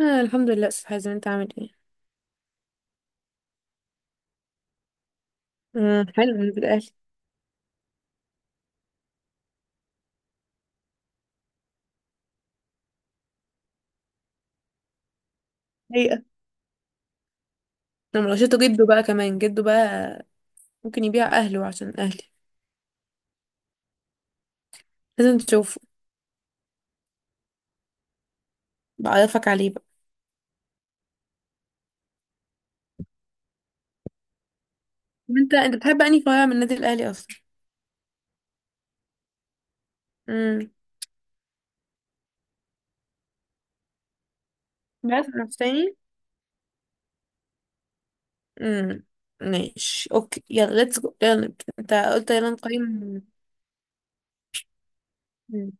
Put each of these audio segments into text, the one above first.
آه، الحمد لله أستاذ حازم، أنت عامل إيه؟ آه حلو إنه بالأهلي. حقيقة لما لقيته جده بقى كمان جده بقى ممكن يبيع أهله عشان أهلي. لازم تشوفه. بعرفك عليه بقى. طب أنت بتحب أنهي فرع من النادي الأهلي أصلا؟ امم. بس نفس تاني؟ امم. ماشي أوكي، يلا ليتس جو، يلا نبدأ. أنت قلت يلا نقيم. مم.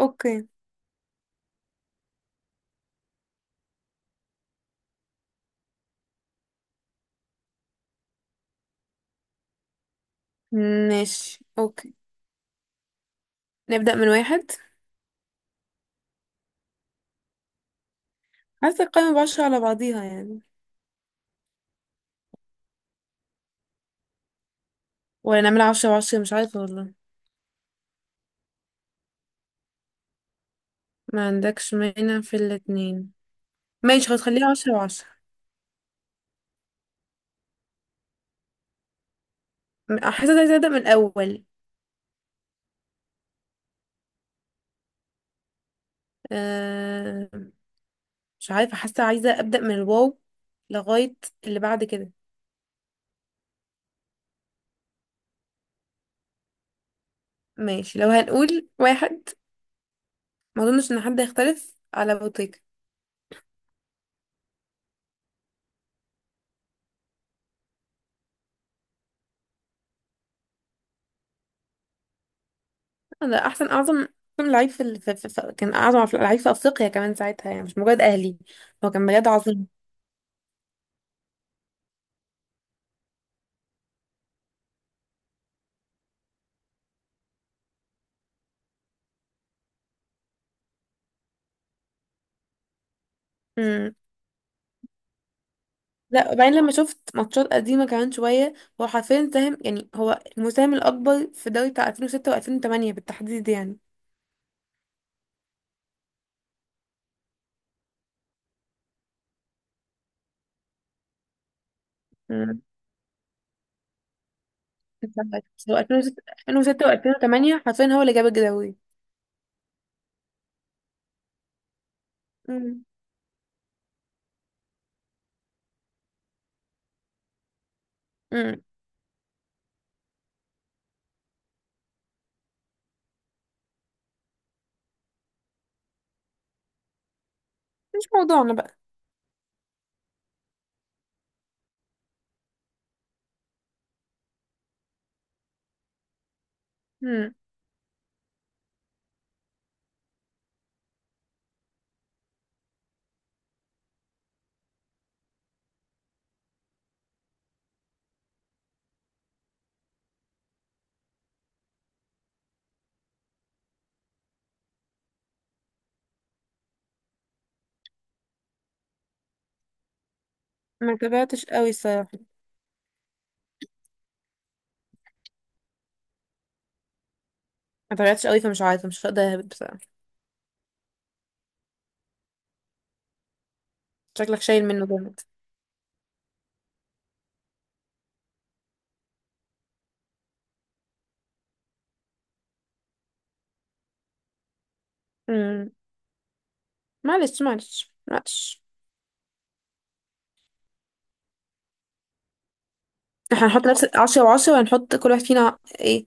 أوكي. ماشي أوكي. نبدأ من واحد. عايزة القايمة بعشرة على بعضيها يعني. ولا نعملها عشرة بعشرة، مش عارفة والله. ما عندكش مانع في الاتنين. ماشي خلاص، خليها عشرة وعشرة. حاسة عايزة أبدأ من الأول. أه. مش عارفة، حاسة عايزة أبدأ من الواو لغاية اللي بعد كده. ماشي، لو هنقول واحد ما أظنش إن حد هيختلف على بوتيكا. ده أحسن، أعظم أحسن لعيب في, ال... في... في... في... كان أعظم لعيب في أفريقيا كمان ساعتها، يعني مش مجرد أهلي. هو كان بجد عظيم. مم. لا، وبعدين لما شفت ماتشات قديمة كمان شوية، هو حرفيا ساهم، يعني هو المساهم الأكبر في دوري بتاع 2006 و2008 بالتحديد. يعني هو 2006 و2008 حرفيا هو اللي جاب الجداوي. امم. امم. مش موضوعنا بقى. امم. ما تابعتش قوي الصراحه. ما تابعتش قوي، فمش عارفه مش هقدر اهبط بصراحه. شكلك شايل منه جامد. امم. معلش معلش معلش. احنا هنحط نفس 10 و10، وهنحط كل واحد فينا ايه؟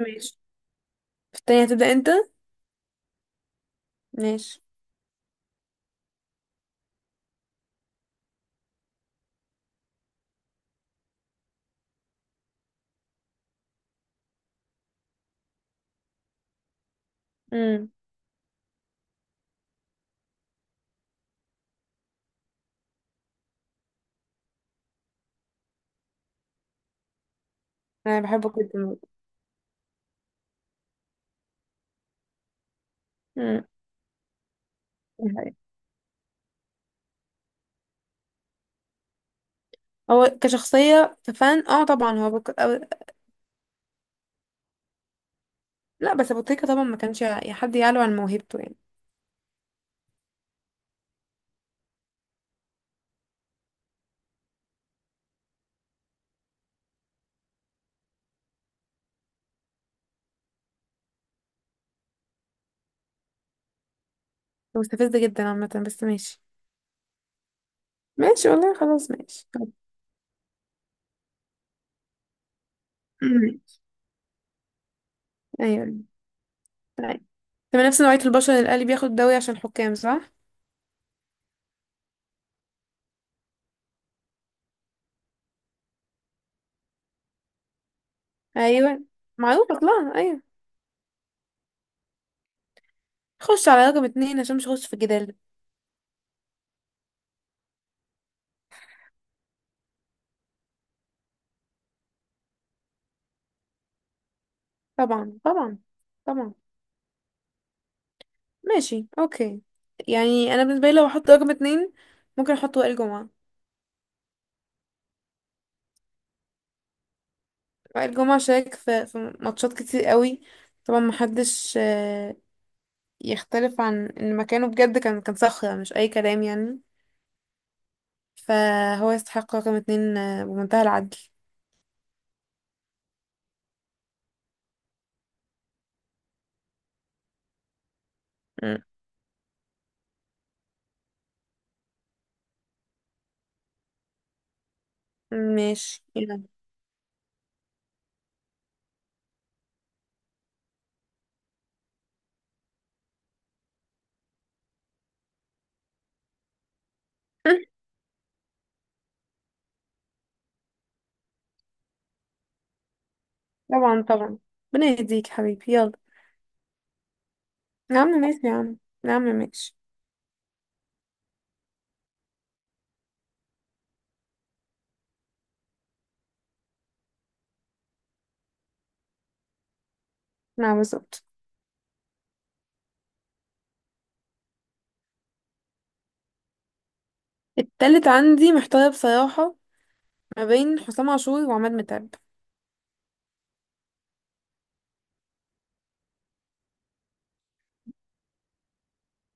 ماشي. في التانية هتبدأ انت. ماشي. امم انا بحبه جدا. امم. هو كشخصية كفان، طبعا هو لا، بس ابو تريكة طبعا ما كانش حد يعلو عن موهبته يعني. مستفزة جدا عامة، بس ماشي. ماشي والله، خلاص ماشي. ايوه. طيب. تمام، نفس نوعية البشر اللي الأهلي بياخد دوري عشان حكام، صح؟ ايوه، معروف اصلا، ايوه. خش على رقم اتنين عشان مش هخش في الجدال ده. طبعا طبعا. طبعا. ماشي اوكي. يعني انا بالنسبة لي لو احط رقم اتنين ممكن احط وائل جمعة. وائل جمعة شارك في ماتشات كتير قوي. طبعا محدش يختلف عن ان مكانه بجد، كان صخرة مش اي كلام يعني. فهو يستحق رقم اتنين بمنتهى العدل. مم. ماشي يلا. طبعا طبعا، ربنا يهديك حبيبي، يلا. يا عم ماشي يا عم. يا عم ماشي. نعم بالظبط. التالت عندي محتار بصراحة، ما بين حسام عاشور وعماد متعب.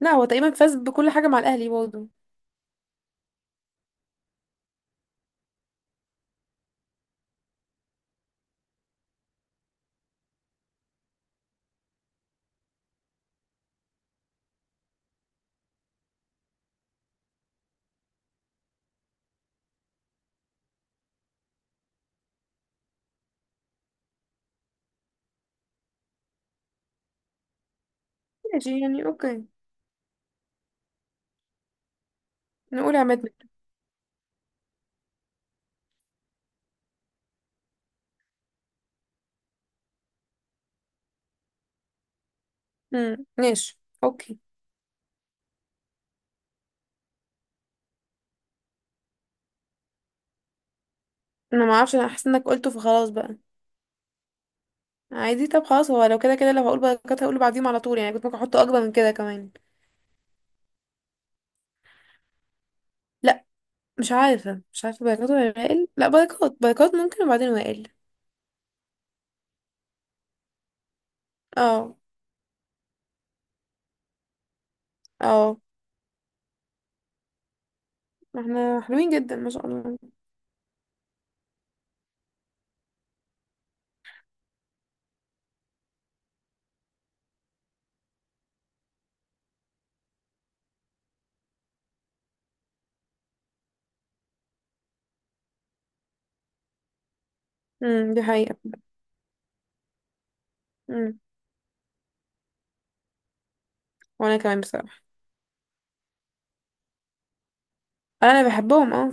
لا، هو تقريبا فاز بكل حاجة مع الأهلي برضه. ماشي يعني، اوكي. نقول عماد متعب. ماشي اوكي. انا ما اعرفش، انا حاسة انك قلته فخلاص بقى. عادي، طب خلاص، هو لو كده كده لو هقول بركات هقوله بعديهم على طول، يعني كنت ممكن احطه اكبر من كده كمان. لا. مش عارفة بايكوت ولا وائل؟ لا، بايكوت، بايكوت ممكن، وبعدين وائل. اه اه. احنا حلوين جدا ما شاء الله. دي حقيقة. امم وانا كمان بصراحة. انا بحبهم اه.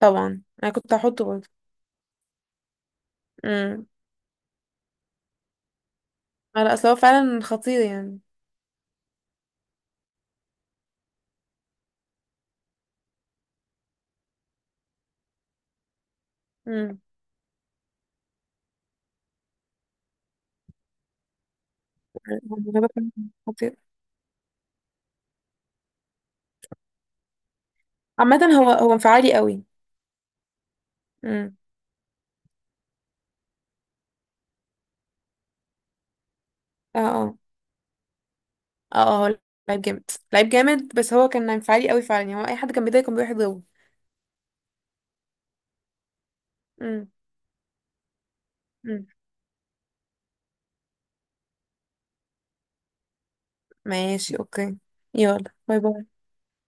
طبعا انا كنت هحطه برضه. امم على اصل هو فعلا خطير يعني. امم هو موهبة فعلاً. خطير. عامة هو انفعالي قوي. امم. اه اه. اه اه، هو لعيب جامد. لعيب جامد. بس هو كان انفعالي قوي فعلا، يعني هو اي حد كان بيضايقه كان بيروح يضربه. امم. امم ماشي اوكي، يلا باي باي.